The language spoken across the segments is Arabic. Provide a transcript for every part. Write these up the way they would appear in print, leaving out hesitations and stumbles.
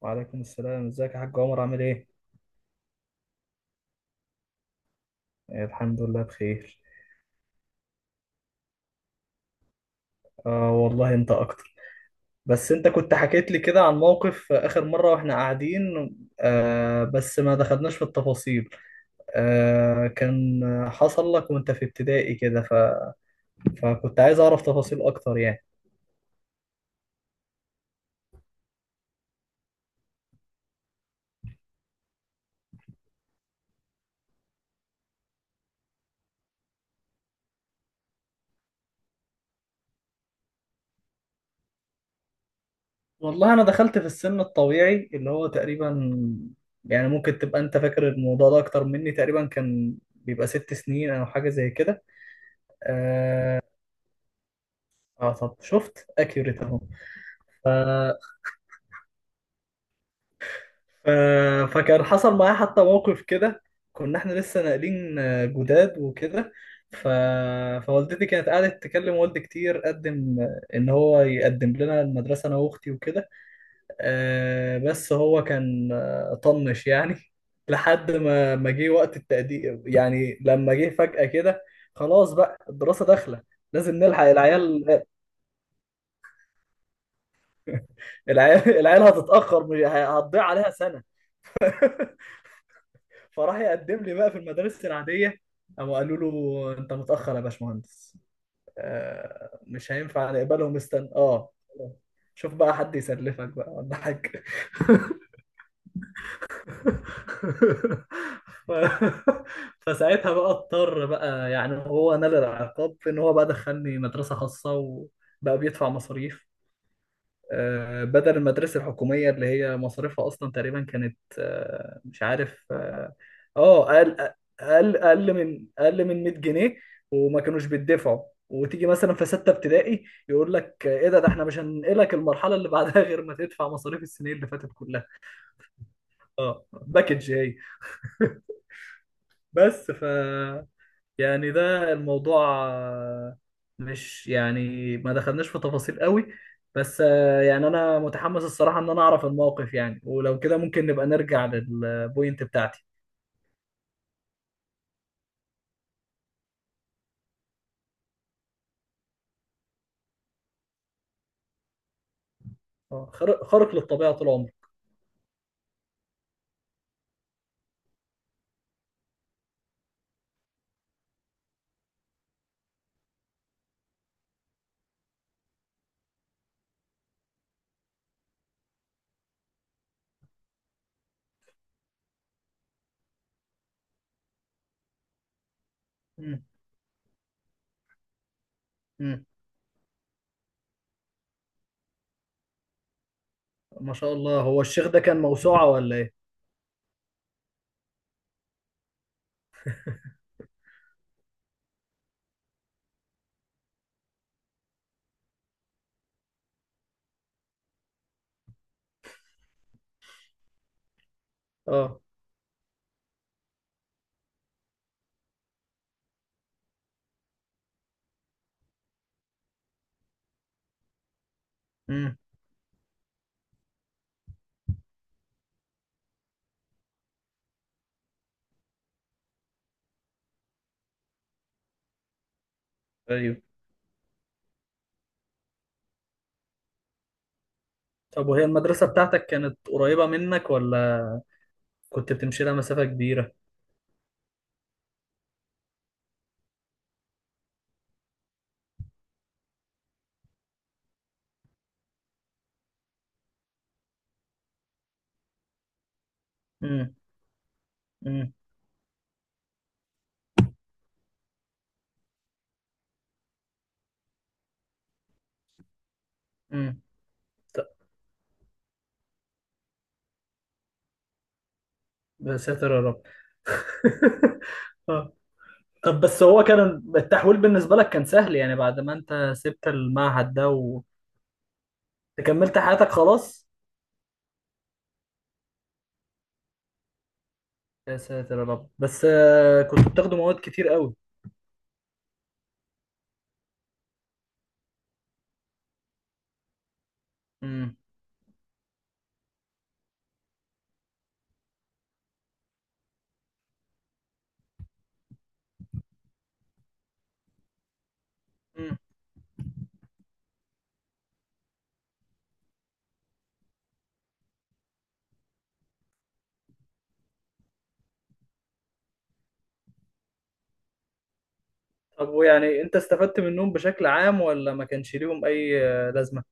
وعليكم السلام، ازيك يا حاج عمر؟ عامل ايه؟ آه، الحمد لله بخير. آه والله انت اكتر. بس انت كنت حكيت لي كده عن موقف، اخر مرة واحنا قاعدين. بس ما دخلناش في التفاصيل. كان حصل لك وانت في ابتدائي كده. فكنت عايز اعرف تفاصيل اكتر يعني. والله انا دخلت في السن الطبيعي اللي هو تقريبا، يعني ممكن تبقى انت فاكر الموضوع ده اكتر مني، تقريبا كان بيبقى ست سنين او حاجة زي كده. اه طب شفت اكيوريت. اهو. ف- فكان حصل معايا حتى موقف كده. كنا احنا لسه ناقلين جداد وكده. ف... فوالدتي كانت قعدت تكلم والدي كتير قدم، ان هو يقدم لنا المدرسه انا واختي وكده. بس هو كان طنش يعني. لحد ما جه وقت التقديم، يعني لما جه فجأة كده، خلاص بقى الدراسه داخله، لازم نلحق العيال. العيال العيال هتتأخر، هتضيع عليها سنه. فراح يقدم لي بقى في المدارس العادية، قاموا قالوا له: انت متأخر يا باشمهندس، مش هينفع نقبلهم، استنى اه. شوف بقى حد يسلفك بقى ولا حاجة. ف... فساعتها بقى اضطر بقى، يعني هو نال العقاب في ان هو بقى دخلني مدرسة خاصة وبقى بيدفع مصاريف، بدل المدرسة الحكومية اللي هي مصاريفها أصلا تقريبا كانت، مش عارف اه. آه، أقل أقل من 100 جنيه، وما كانوش بيدفعوا. وتيجي مثلا في ستة ابتدائي يقول لك: إيه ده؟ ده إحنا مش هننقلك المرحلة اللي بعدها غير ما تدفع مصاريف السنين اللي فاتت كلها. أه، باكج هي. بس يعني ده الموضوع، مش يعني ما دخلناش في تفاصيل قوي. بس يعني انا متحمس الصراحة ان انا اعرف الموقف، يعني ولو كده ممكن نبقى نرجع للبوينت بتاعتي. خارق خارق للطبيعة طول عمري. مم. مم. ما شاء الله، هو الشيخ ده كان موسوعة ولا ايه؟ اه. امم. ايوه. طب وهي المدرسة بتاعتك كانت قريبة منك، ولا كنت بتمشي لها مسافة كبيرة؟ امم. امم. امم. بساتر يا رب. اه. طب بس هو كان التحويل بالنسبة لك كان سهل يعني، بعد ما انت سبت المعهد ده وكملت حياتك خلاص؟ يا ساتر يا رب، بس كنت بتاخدوا مواد كتير قوي؟ امم. امم. طب ويعني انت استفدت منهم بشكل عام، ولا ما كانش ليهم اي لازمة؟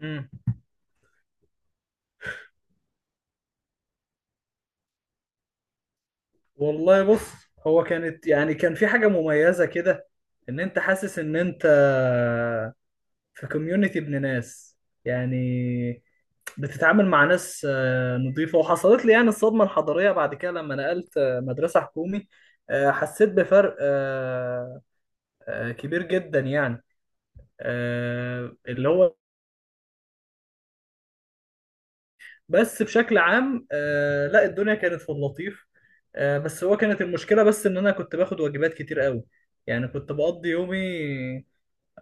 امم. والله بص، هو كانت يعني كان في حاجة مميزة كده، ان انت حاسس ان انت في كوميونتي ابن ناس، يعني بتتعامل مع ناس نظيفة. وحصلت لي يعني الصدمة الحضارية بعد كده لما نقلت مدرسة حكومي. حسيت بفرق كبير جدا يعني. اللي هو، بس بشكل عام لا الدنيا كانت في اللطيف. بس هو كانت المشكلة بس إن أنا كنت باخد واجبات كتير قوي، يعني كنت بقضي يومي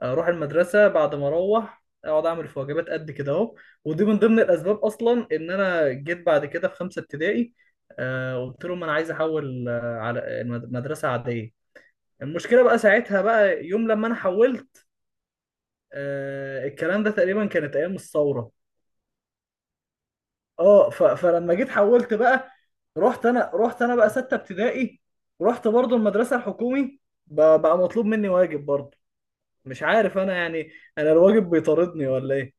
اروح المدرسه، بعد ما اروح اقعد اعمل في واجبات قد كده اهو. ودي من ضمن الاسباب اصلا ان انا جيت بعد كده في خمسه ابتدائي، قلت لهم انا عايز احول على مدرسه عاديه. المشكله بقى ساعتها بقى، يوم لما انا حولت، الكلام ده تقريبا كانت ايام الثوره. اه. فلما جيت حولت بقى، رحت انا بقى سته ابتدائي. رحت برضو المدرسه الحكومي، بقى مطلوب مني واجب برضو. مش عارف انا يعني، انا الواجب بيطاردني ولا ايه؟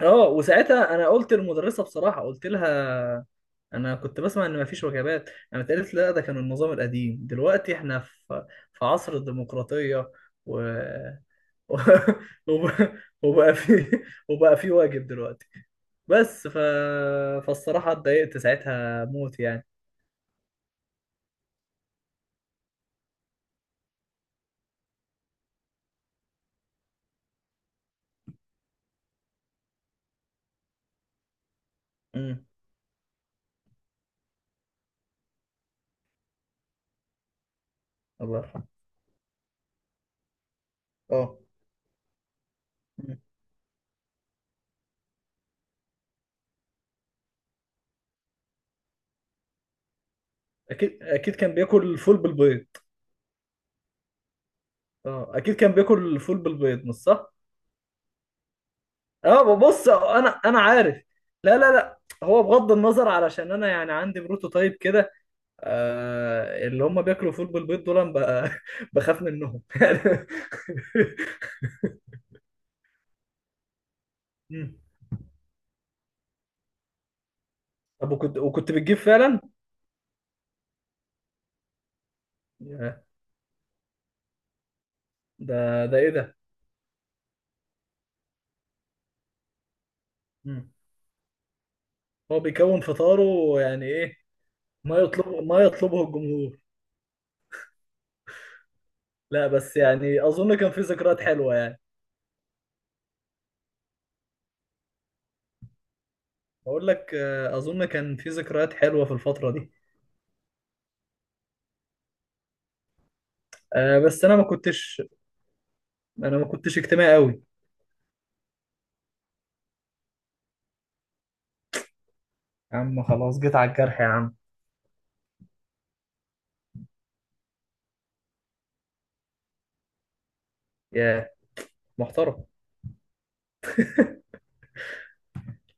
اه وساعتها انا قلت للمدرسه بصراحه، قلت لها انا كنت بسمع ان مفيش وجبات. انا قالت: لا، ده كان النظام القديم، دلوقتي احنا في عصر الديمقراطيه. و... و... وب- وبقى في وبقى في واجب دلوقتي. بس فالصراحه اتضايقت ساعتها موت يعني. امم. الله يرحمه. اه. مم. اكيد اكيد كان بياكل فول بالبيض. اه اكيد كان بياكل فول بالبيض، مش صح؟ اه ببص، انا عارف. لا لا لا، هو بغض النظر، علشان انا يعني عندي بروتوتايب كده. آه اللي هم بياكلوا فول بالبيض دول، أنا بخاف منهم يعني. مم. طب وكنت بتجيب فعلا؟ ياه، ده ايه ده؟ مم. هو بيكون فطاره؟ يعني ايه؟ ما يطلبه الجمهور. لا بس يعني اظن كان في ذكريات حلوه يعني. بقول لك اظن كان في ذكريات حلوه في الفتره دي. بس انا ما كنتش اجتماعي قوي. يا عم خلاص جيت على الجرح يا عم، يا محترم.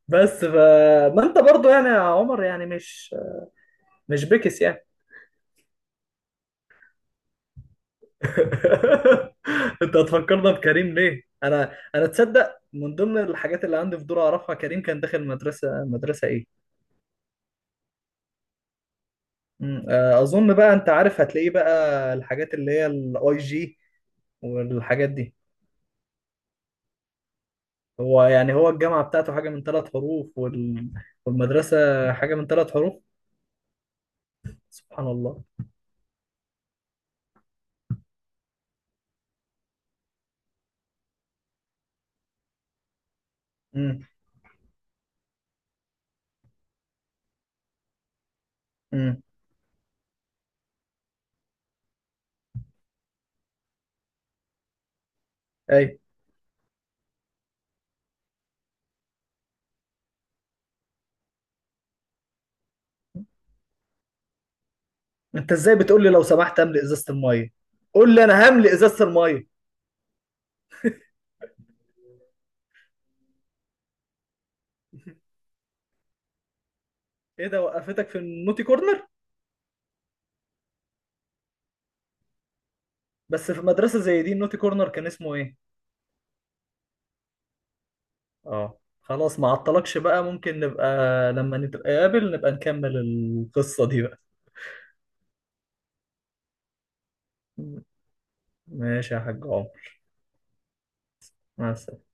بس ما انت برضو يعني يا عمر، يعني مش بكس يعني. انت هتفكرنا بكريم ليه؟ انا تصدق من ضمن الحاجات اللي عندي فضول اعرفها، كريم كان داخل مدرسه، مدرسه ايه؟ اظن بقى انت عارف هتلاقيه بقى الحاجات اللي هي الاي جي والحاجات دي. هو يعني هو الجامعه بتاعته حاجه من ثلاث حروف، والمدرسه حاجه من ثلاث حروف. سبحان الله. امم. امم. انت ازاي بتقول لي لو سمحت املي ازازه الميه؟ قول لي: انا هملي ازازه الميه. ايه ده؟ وقفتك في النوتي كورنر؟ بس في مدرسه زي دي، النوتي كورنر كان اسمه ايه؟ اه خلاص، ما عطلكش بقى، ممكن نبقى لما نتقابل نبقى نكمل القصه دي بقى. ماشي يا حاج عمر. مع السلامة.